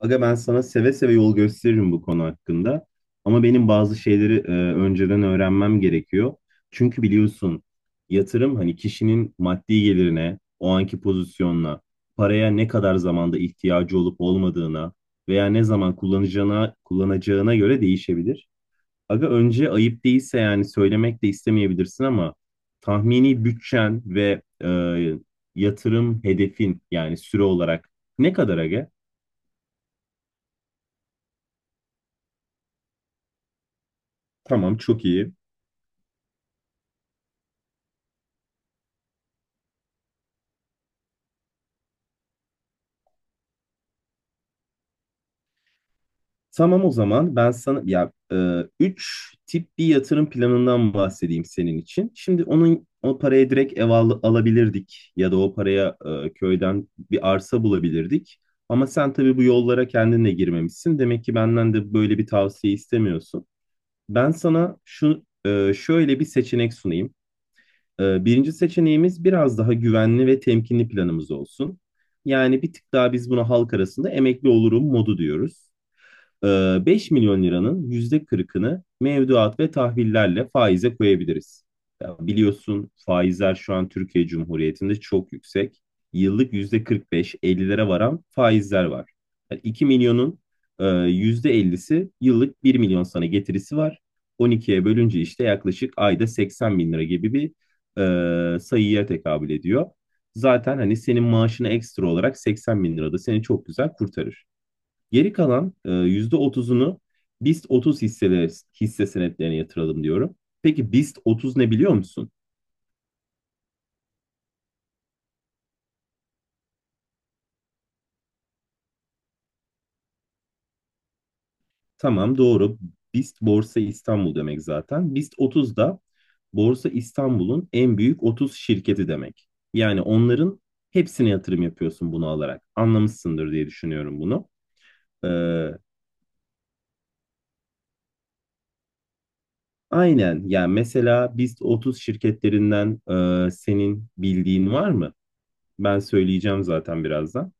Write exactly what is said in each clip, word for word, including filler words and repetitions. Aga ben sana seve seve yol gösteririm bu konu hakkında. Ama benim bazı şeyleri e, önceden öğrenmem gerekiyor. Çünkü biliyorsun yatırım hani kişinin maddi gelirine, o anki pozisyonuna, paraya ne kadar zamanda ihtiyacı olup olmadığına veya ne zaman kullanacağına, kullanacağına göre değişebilir. Aga önce ayıp değilse yani söylemek de istemeyebilirsin ama tahmini bütçen ve e, yatırım hedefin yani süre olarak ne kadar aga? Tamam, çok iyi. Tamam, o zaman ben sana ya e, üç tip bir yatırım planından bahsedeyim senin için. Şimdi onun o paraya direkt ev al- alabilirdik ya da o paraya e, köyden bir arsa bulabilirdik. Ama sen tabii bu yollara kendin de girmemişsin. Demek ki benden de böyle bir tavsiye istemiyorsun. Ben sana şu e, şöyle bir seçenek sunayım. E, birinci seçeneğimiz biraz daha güvenli ve temkinli planımız olsun. Yani bir tık daha biz buna halk arasında emekli olurum modu diyoruz. Ee, beş milyon liranın yüzde kırkını mevduat ve tahvillerle faize koyabiliriz. Ya biliyorsun faizler şu an Türkiye Cumhuriyeti'nde çok yüksek. Yıllık yüzde kırk beş elliye varan faizler var. Yani iki milyonun e, yüzde ellisi yıllık bir milyon sana getirisi var. on ikiye bölünce işte yaklaşık ayda seksen bin lira gibi bir e, sayıya tekabül ediyor. Zaten hani senin maaşına ekstra olarak seksen bin lira da seni çok güzel kurtarır. Geri kalan e, yüzde otuzunu BIST otuz hisseleri, hisse senetlerine yatıralım diyorum. Peki, BIST otuz ne biliyor musun? Tamam, doğru. BIST Borsa İstanbul demek zaten. BIST otuz da Borsa İstanbul'un en büyük otuz şirketi demek. Yani onların hepsine yatırım yapıyorsun bunu alarak. Anlamışsındır diye düşünüyorum bunu. Ee, aynen. Yani mesela BIST otuz şirketlerinden e, senin bildiğin var mı? Ben söyleyeceğim zaten birazdan.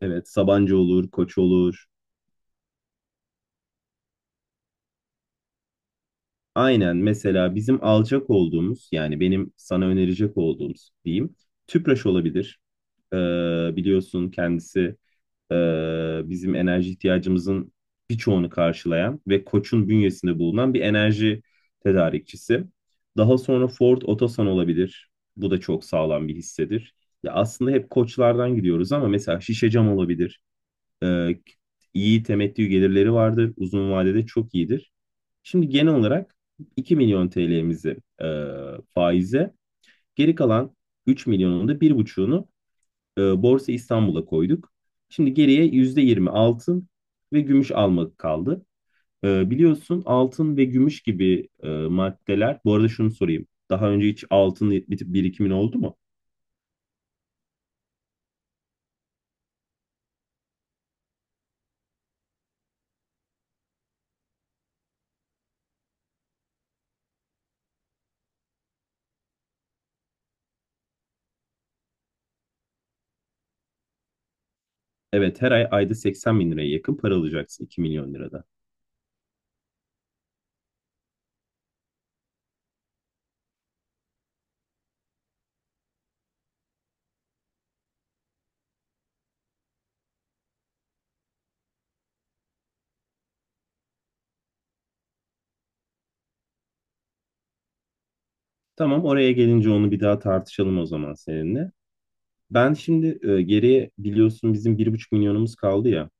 Evet, Sabancı olur, Koç olur. Aynen, mesela bizim alacak olduğumuz yani benim sana önerecek olduğumuz diyeyim Tüpraş olabilir. Ee, biliyorsun kendisi e, bizim enerji ihtiyacımızın birçoğunu karşılayan ve Koç'un bünyesinde bulunan bir enerji tedarikçisi. Daha sonra Ford Otosan olabilir. Bu da çok sağlam bir hissedir. Ya aslında hep Koçlardan gidiyoruz ama mesela Şişecam olabilir. e, iyi temettü gelirleri vardır. Uzun vadede çok iyidir. Şimdi genel olarak iki milyon T L'mizi e, faize, geri kalan üç milyonun da bir buçuğunu e, Borsa İstanbul'a koyduk. Şimdi geriye yüzde yirmi altın ve gümüş almak kaldı. E, biliyorsun altın ve gümüş gibi e, maddeler. Bu arada şunu sorayım. Daha önce hiç altın bitip birikimin oldu mu? Evet, her ay ayda seksen bin liraya yakın para alacaksın iki milyon lirada. Tamam, oraya gelince onu bir daha tartışalım o zaman seninle. Ben şimdi e, geriye biliyorsun bizim bir buçuk milyonumuz kaldı ya.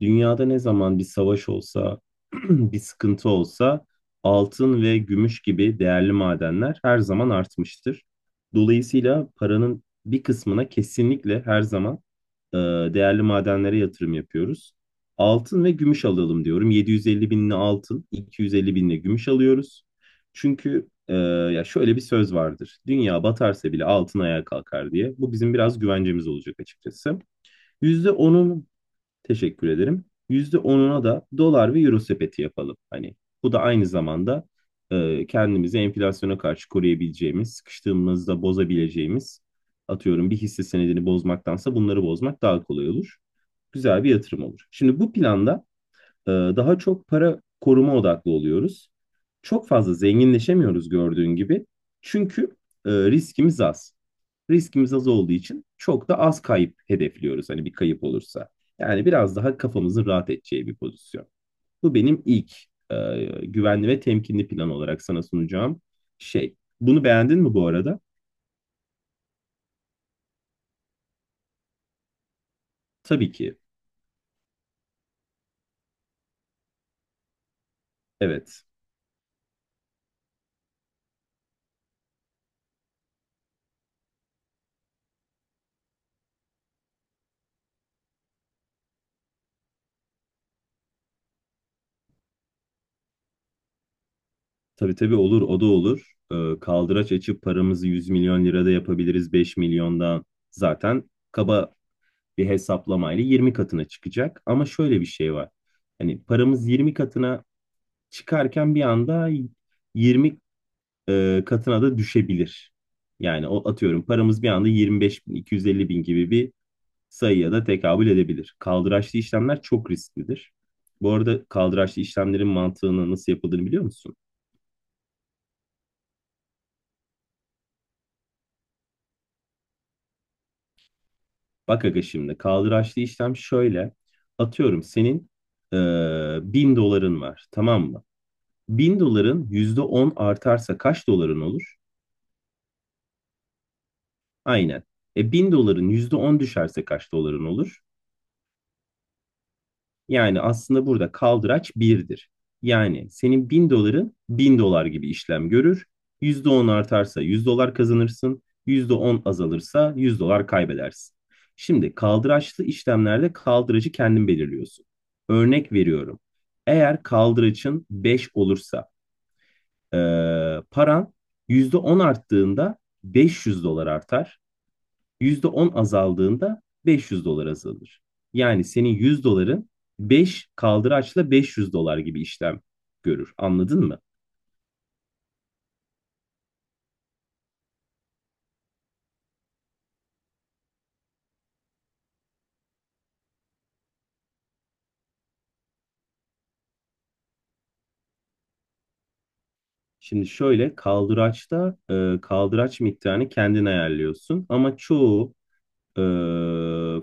Dünyada ne zaman bir savaş olsa, bir sıkıntı olsa altın ve gümüş gibi değerli madenler her zaman artmıştır. Dolayısıyla paranın bir kısmına kesinlikle her zaman e, değerli madenlere yatırım yapıyoruz. Altın ve gümüş alalım diyorum. yedi yüz elli binli altın, iki yüz elli binli gümüş alıyoruz. Çünkü e, ya şöyle bir söz vardır. Dünya batarsa bile altın ayağa kalkar diye. Bu bizim biraz güvencemiz olacak açıkçası. yüzde onun teşekkür ederim. Yüzde onuna da dolar ve euro sepeti yapalım. Hani bu da aynı zamanda e, kendimizi enflasyona karşı koruyabileceğimiz, sıkıştığımızda bozabileceğimiz, atıyorum bir hisse senedini bozmaktansa bunları bozmak daha kolay olur. Güzel bir yatırım olur. Şimdi bu planda e, daha çok para koruma odaklı oluyoruz. Çok fazla zenginleşemiyoruz gördüğün gibi. Çünkü e, riskimiz az riskimiz az olduğu için çok da az kayıp hedefliyoruz hani bir kayıp olursa. Yani biraz daha kafamızın rahat edeceği bir pozisyon. Bu benim ilk e, güvenli ve temkinli plan olarak sana sunacağım şey. Bunu beğendin mi bu arada? Tabii ki. Evet. Tabii tabii olur, o da olur. E, kaldıraç açıp paramızı yüz milyon lirada yapabiliriz beş milyondan. Zaten kaba bir hesaplamayla yirmi katına çıkacak. Ama şöyle bir şey var. Hani paramız yirmi katına çıkarken bir anda yirmi e, katına da düşebilir. Yani o atıyorum paramız bir anda yirmi beş bin iki yüz elli bin iki yüz elli bin gibi bir sayıya da tekabül edebilir. Kaldıraçlı işlemler çok risklidir. Bu arada kaldıraçlı işlemlerin mantığını nasıl yapıldığını biliyor musun? Bak aga, şimdi kaldıraçlı işlem şöyle. Atıyorum senin e, bin doların var, tamam mı? bin doların yüzde on artarsa kaç doların olur? Aynen. E, bin doların yüzde on düşerse kaç doların olur? Yani aslında burada kaldıraç birdir. Yani senin bin doların bin dolar gibi işlem görür. Yüzde on artarsa yüz dolar kazanırsın. Yüzde on azalırsa yüz dolar kaybedersin. Şimdi kaldıraçlı işlemlerde kaldıracı kendin belirliyorsun. Örnek veriyorum. Eğer kaldıraçın beş olursa eee paran yüzde on arttığında beş yüz dolar artar. Yüzde on azaldığında beş yüz dolar azalır. Yani senin yüz doların beş kaldıraçla beş yüz dolar gibi işlem görür. Anladın mı? Şimdi şöyle, kaldıraçta e, kaldıraç miktarını kendin ayarlıyorsun ama çoğu e,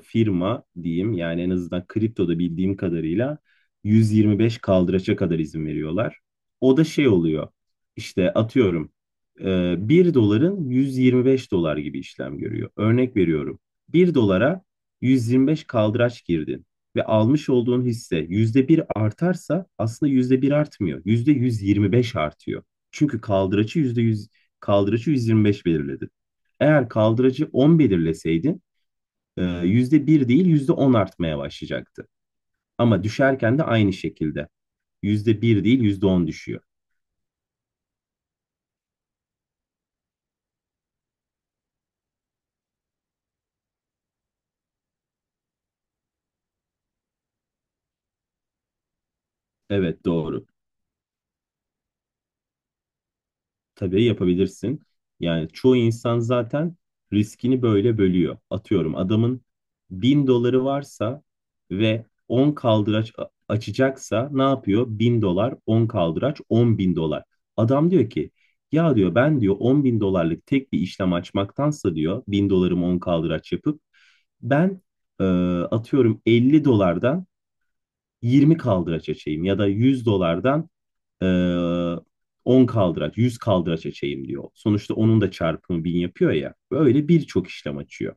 firma diyeyim, yani en azından kriptoda bildiğim kadarıyla yüz yirmi beş kaldıraça kadar izin veriyorlar. O da şey oluyor, işte atıyorum e, bir doların yüz yirmi beş dolar gibi işlem görüyor. Örnek veriyorum, bir dolara yüz yirmi beş kaldıraç girdin ve almış olduğun hisse yüzde bir artarsa aslında yüzde bir artmıyor, yüzde yüz yirmi beş artıyor. Çünkü kaldıraçı yüzde yüz kaldıraçı yüz yirmi beş belirledi. Eğer kaldıracı on belirleseydin e, yüzde bir değil yüzde on artmaya başlayacaktı. Ama düşerken de aynı şekilde yüzde bir değil yüzde on düşüyor. Evet, doğru. Tabii yapabilirsin. Yani çoğu insan zaten riskini böyle bölüyor. Atıyorum adamın bin doları varsa ve on kaldıraç a- açacaksa ne yapıyor? Bin dolar, on kaldıraç, on bin dolar. Adam diyor ki ya, diyor, ben diyor on bin dolarlık tek bir işlem açmaktansa diyor bin dolarımı on kaldıraç yapıp ben e, atıyorum elli dolardan yirmi kaldıraç açayım ya da yüz dolardan e, on kaldıraç, yüz kaldıraç açayım diyor. Sonuçta onun da çarpımı bin yapıyor ya. Böyle birçok işlem açıyor.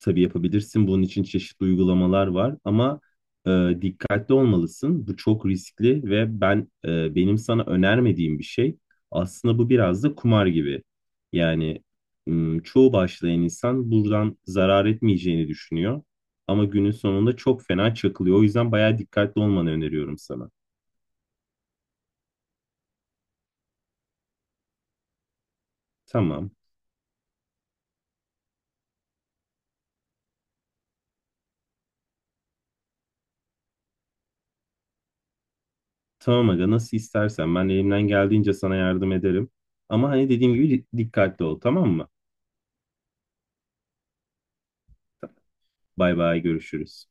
Tabii yapabilirsin. Bunun için çeşitli uygulamalar var ama e, dikkatli olmalısın. Bu çok riskli ve ben e, benim sana önermediğim bir şey. Aslında bu biraz da kumar gibi. Yani m, çoğu başlayan insan buradan zarar etmeyeceğini düşünüyor ama günün sonunda çok fena çakılıyor. O yüzden bayağı dikkatli olmanı öneriyorum sana. Tamam. Tamam aga, nasıl istersen ben elimden geldiğince sana yardım ederim. Ama hani dediğim gibi dikkatli ol, tamam mı? Bay bay, görüşürüz.